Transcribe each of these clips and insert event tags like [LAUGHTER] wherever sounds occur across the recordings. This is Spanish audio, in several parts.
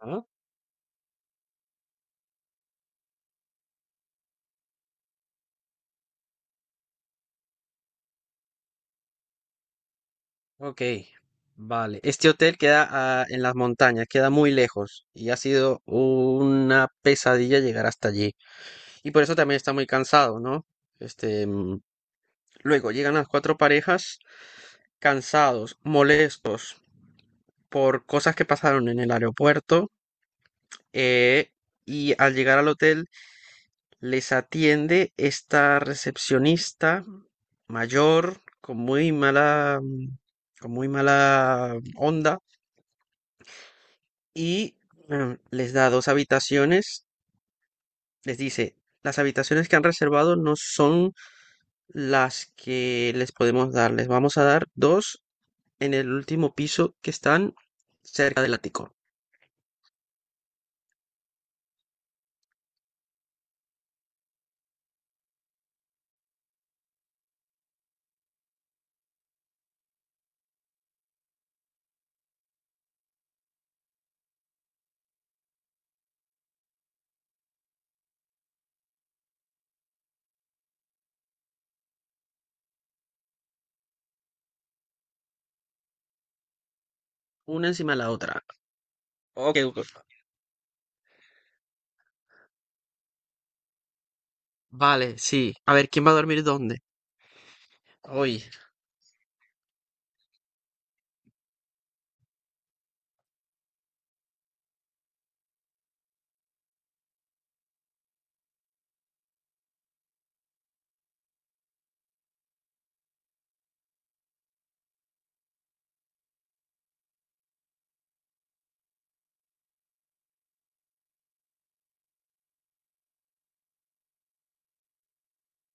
Ah, ok, vale. Este hotel queda en las montañas, queda muy lejos y ha sido una pesadilla llegar hasta allí. Y por eso también está muy cansado, ¿no? Este, mm, Luego llegan las cuatro parejas cansados, molestos por cosas que pasaron en el aeropuerto, eh, y al llegar al hotel les atiende esta recepcionista mayor con muy mala, con muy mala onda, y les da dos habitaciones. Les dice, las habitaciones que han reservado no son las que les podemos dar. Les vamos a dar dos en el último piso que están cerca del ático. Una encima de la otra. Ok, ok. Vale, sí. A ver, ¿quién va a dormir dónde? Hoy.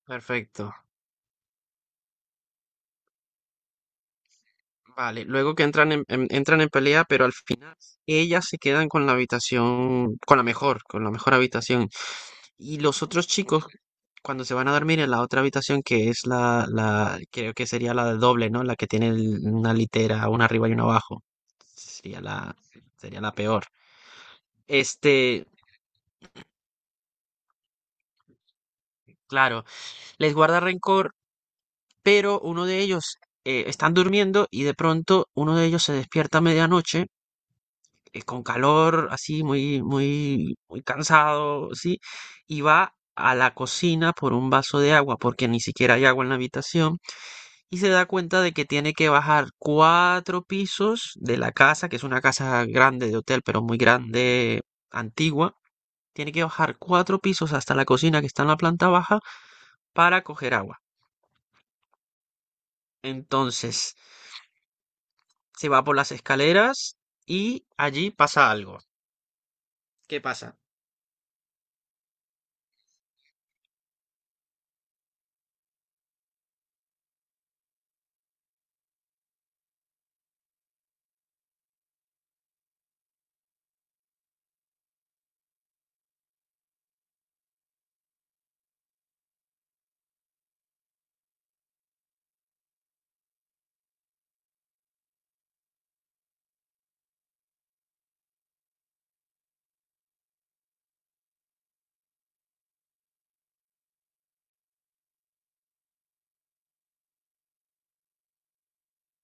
Perfecto. Vale. Luego que entran entran en pelea, pero al final ellas se quedan con la habitación, con la mejor habitación. Y los otros chicos cuando se van a dormir en la otra habitación, que es creo que sería la doble, ¿no? La que tiene una litera, una arriba y una abajo. Sería la, sería la peor. Este, claro, les guarda rencor, pero uno de ellos, están durmiendo y de pronto uno de ellos se despierta a medianoche, con calor, así, muy, muy, muy cansado, sí, y va a la cocina por un vaso de agua, porque ni siquiera hay agua en la habitación y se da cuenta de que tiene que bajar cuatro pisos de la casa, que es una casa grande de hotel, pero muy grande, antigua. Tiene que bajar cuatro pisos hasta la cocina que está en la planta baja para coger agua. Entonces, se va por las escaleras y allí pasa algo. ¿Qué pasa?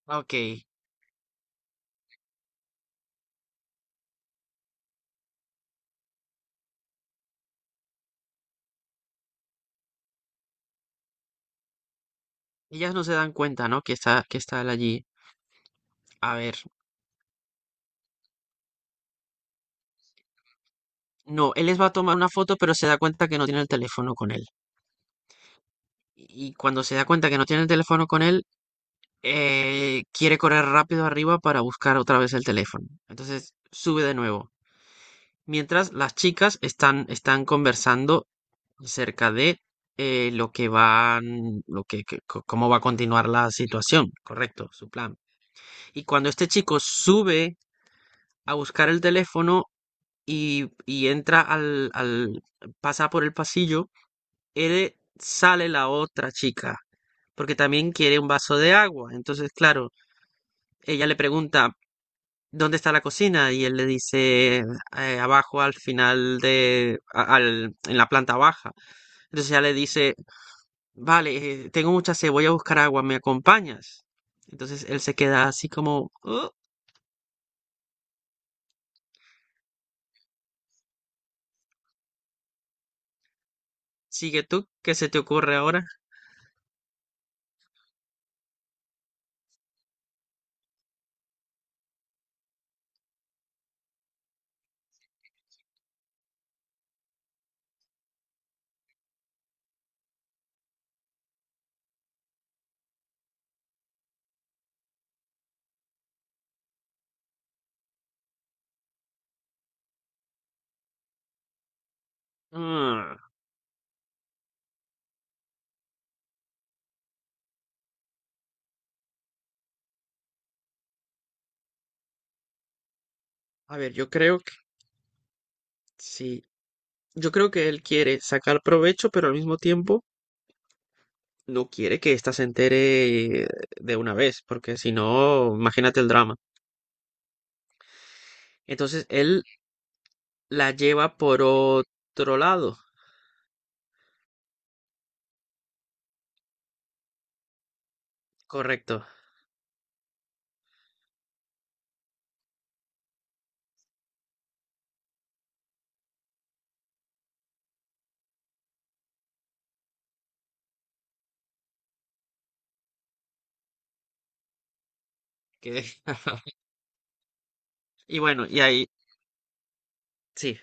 Ah, ok, ellas no se dan cuenta, ¿no? Que que está él allí. A ver, no, él les va a tomar una foto, pero se da cuenta que no tiene el teléfono con él. Y cuando se da cuenta que no tiene el teléfono con él, quiere correr rápido arriba para buscar otra vez el teléfono. Entonces sube de nuevo. Mientras las chicas están conversando acerca de, lo que van, lo que- co- cómo va a continuar la situación, correcto, su plan. Y cuando este chico sube a buscar el teléfono y entra pasa por el pasillo, él sale la otra chica, porque también quiere un vaso de agua. Entonces, claro, ella le pregunta, ¿dónde está la cocina? Y él le dice, abajo al final en la planta baja." Entonces ella le dice, vale, tengo mucha sed, voy a buscar agua, ¿me acompañas? Entonces él se queda así como, "Oh, sigue tú, ¿qué se te ocurre ahora?" Ah, a ver, yo creo que sí, yo creo que él quiere sacar provecho, pero al mismo tiempo no quiere que ésta se entere, de una vez, porque si no, imagínate el drama. Entonces él la lleva por otro lado. Correcto. Que... [LAUGHS] Y bueno, y ahí, sí.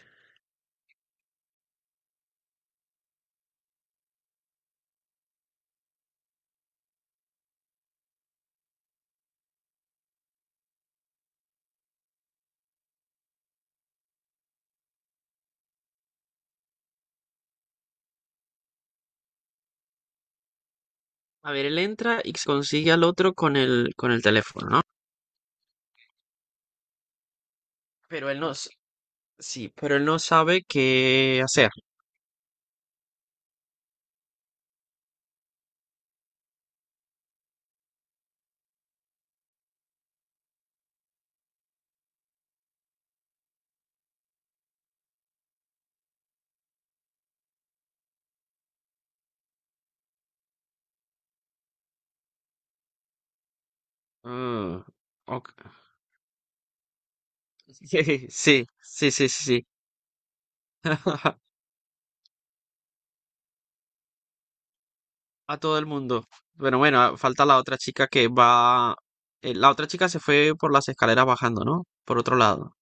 A ver, él entra y consigue al otro con con el teléfono, ¿no? Pero él no, s- sí, pero él no sabe qué hacer. Mm, ok. [LAUGHS] Sí, sí, sí, sí, sí. [LAUGHS] A todo el mundo. Bueno, bueno, ah, falta la otra chica que va. Eh, la otra chica se fue por las escaleras bajando, ¿no? Por otro lado.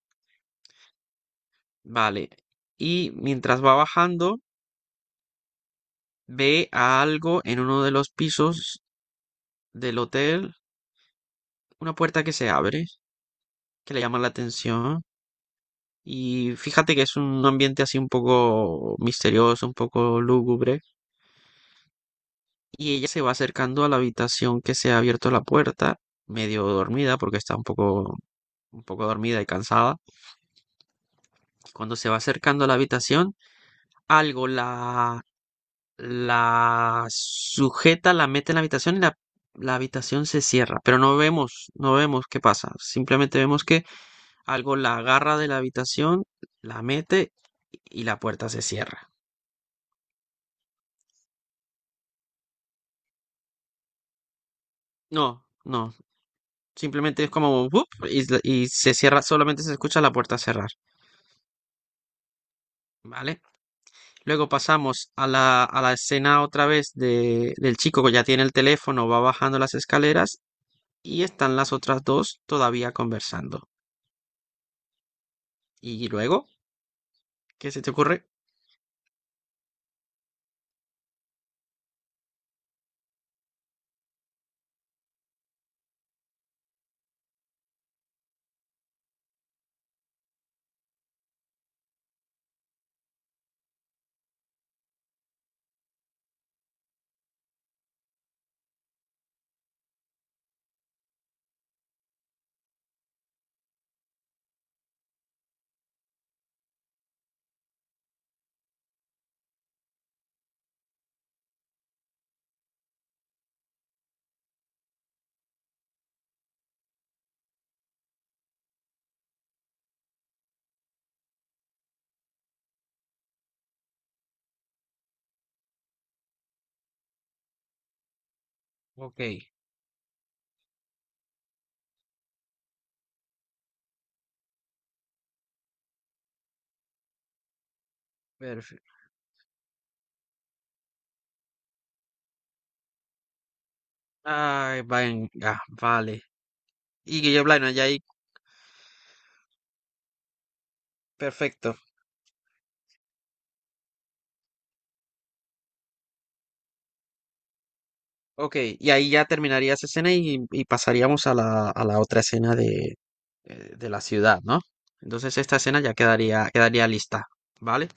Vale. Y mientras va bajando, ve a algo en uno de los pisos del hotel, una puerta que se abre, que le llama la atención. Y fíjate que es un ambiente así un poco misterioso, un poco lúgubre. Y ella se va acercando a la habitación que se ha abierto la puerta, medio dormida, porque está un poco dormida y cansada. Y cuando se va acercando a la habitación, algo la sujeta, la mete en la habitación y la habitación se cierra. Pero no vemos, no vemos qué pasa. Simplemente vemos que algo la agarra de la habitación, la mete y la puerta se cierra. No, no. Simplemente es como ¡bup! Y se cierra, solamente se escucha la puerta cerrar. ¿Vale? Luego pasamos a a la escena otra vez de, del chico que ya tiene el teléfono, va bajando las escaleras y están las otras dos todavía conversando. ¿Y luego? ¿Qué se te ocurre? Ok, perfecto. Ay, venga, vale. Y Guillermo Blano, ya ahí, perfecto. Ok, y ahí ya terminaría esa escena y pasaríamos a a la otra escena de la ciudad, ¿no? Entonces esta escena ya quedaría, quedaría lista, ¿vale?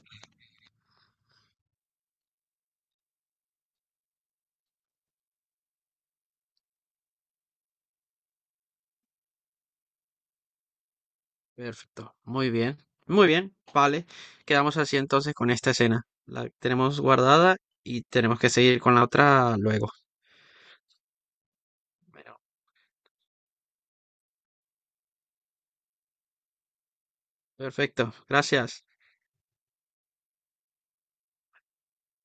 Perfecto, muy bien, vale. Quedamos así entonces con esta escena. La tenemos guardada y tenemos que seguir con la otra luego. Bueno, perfecto, gracias.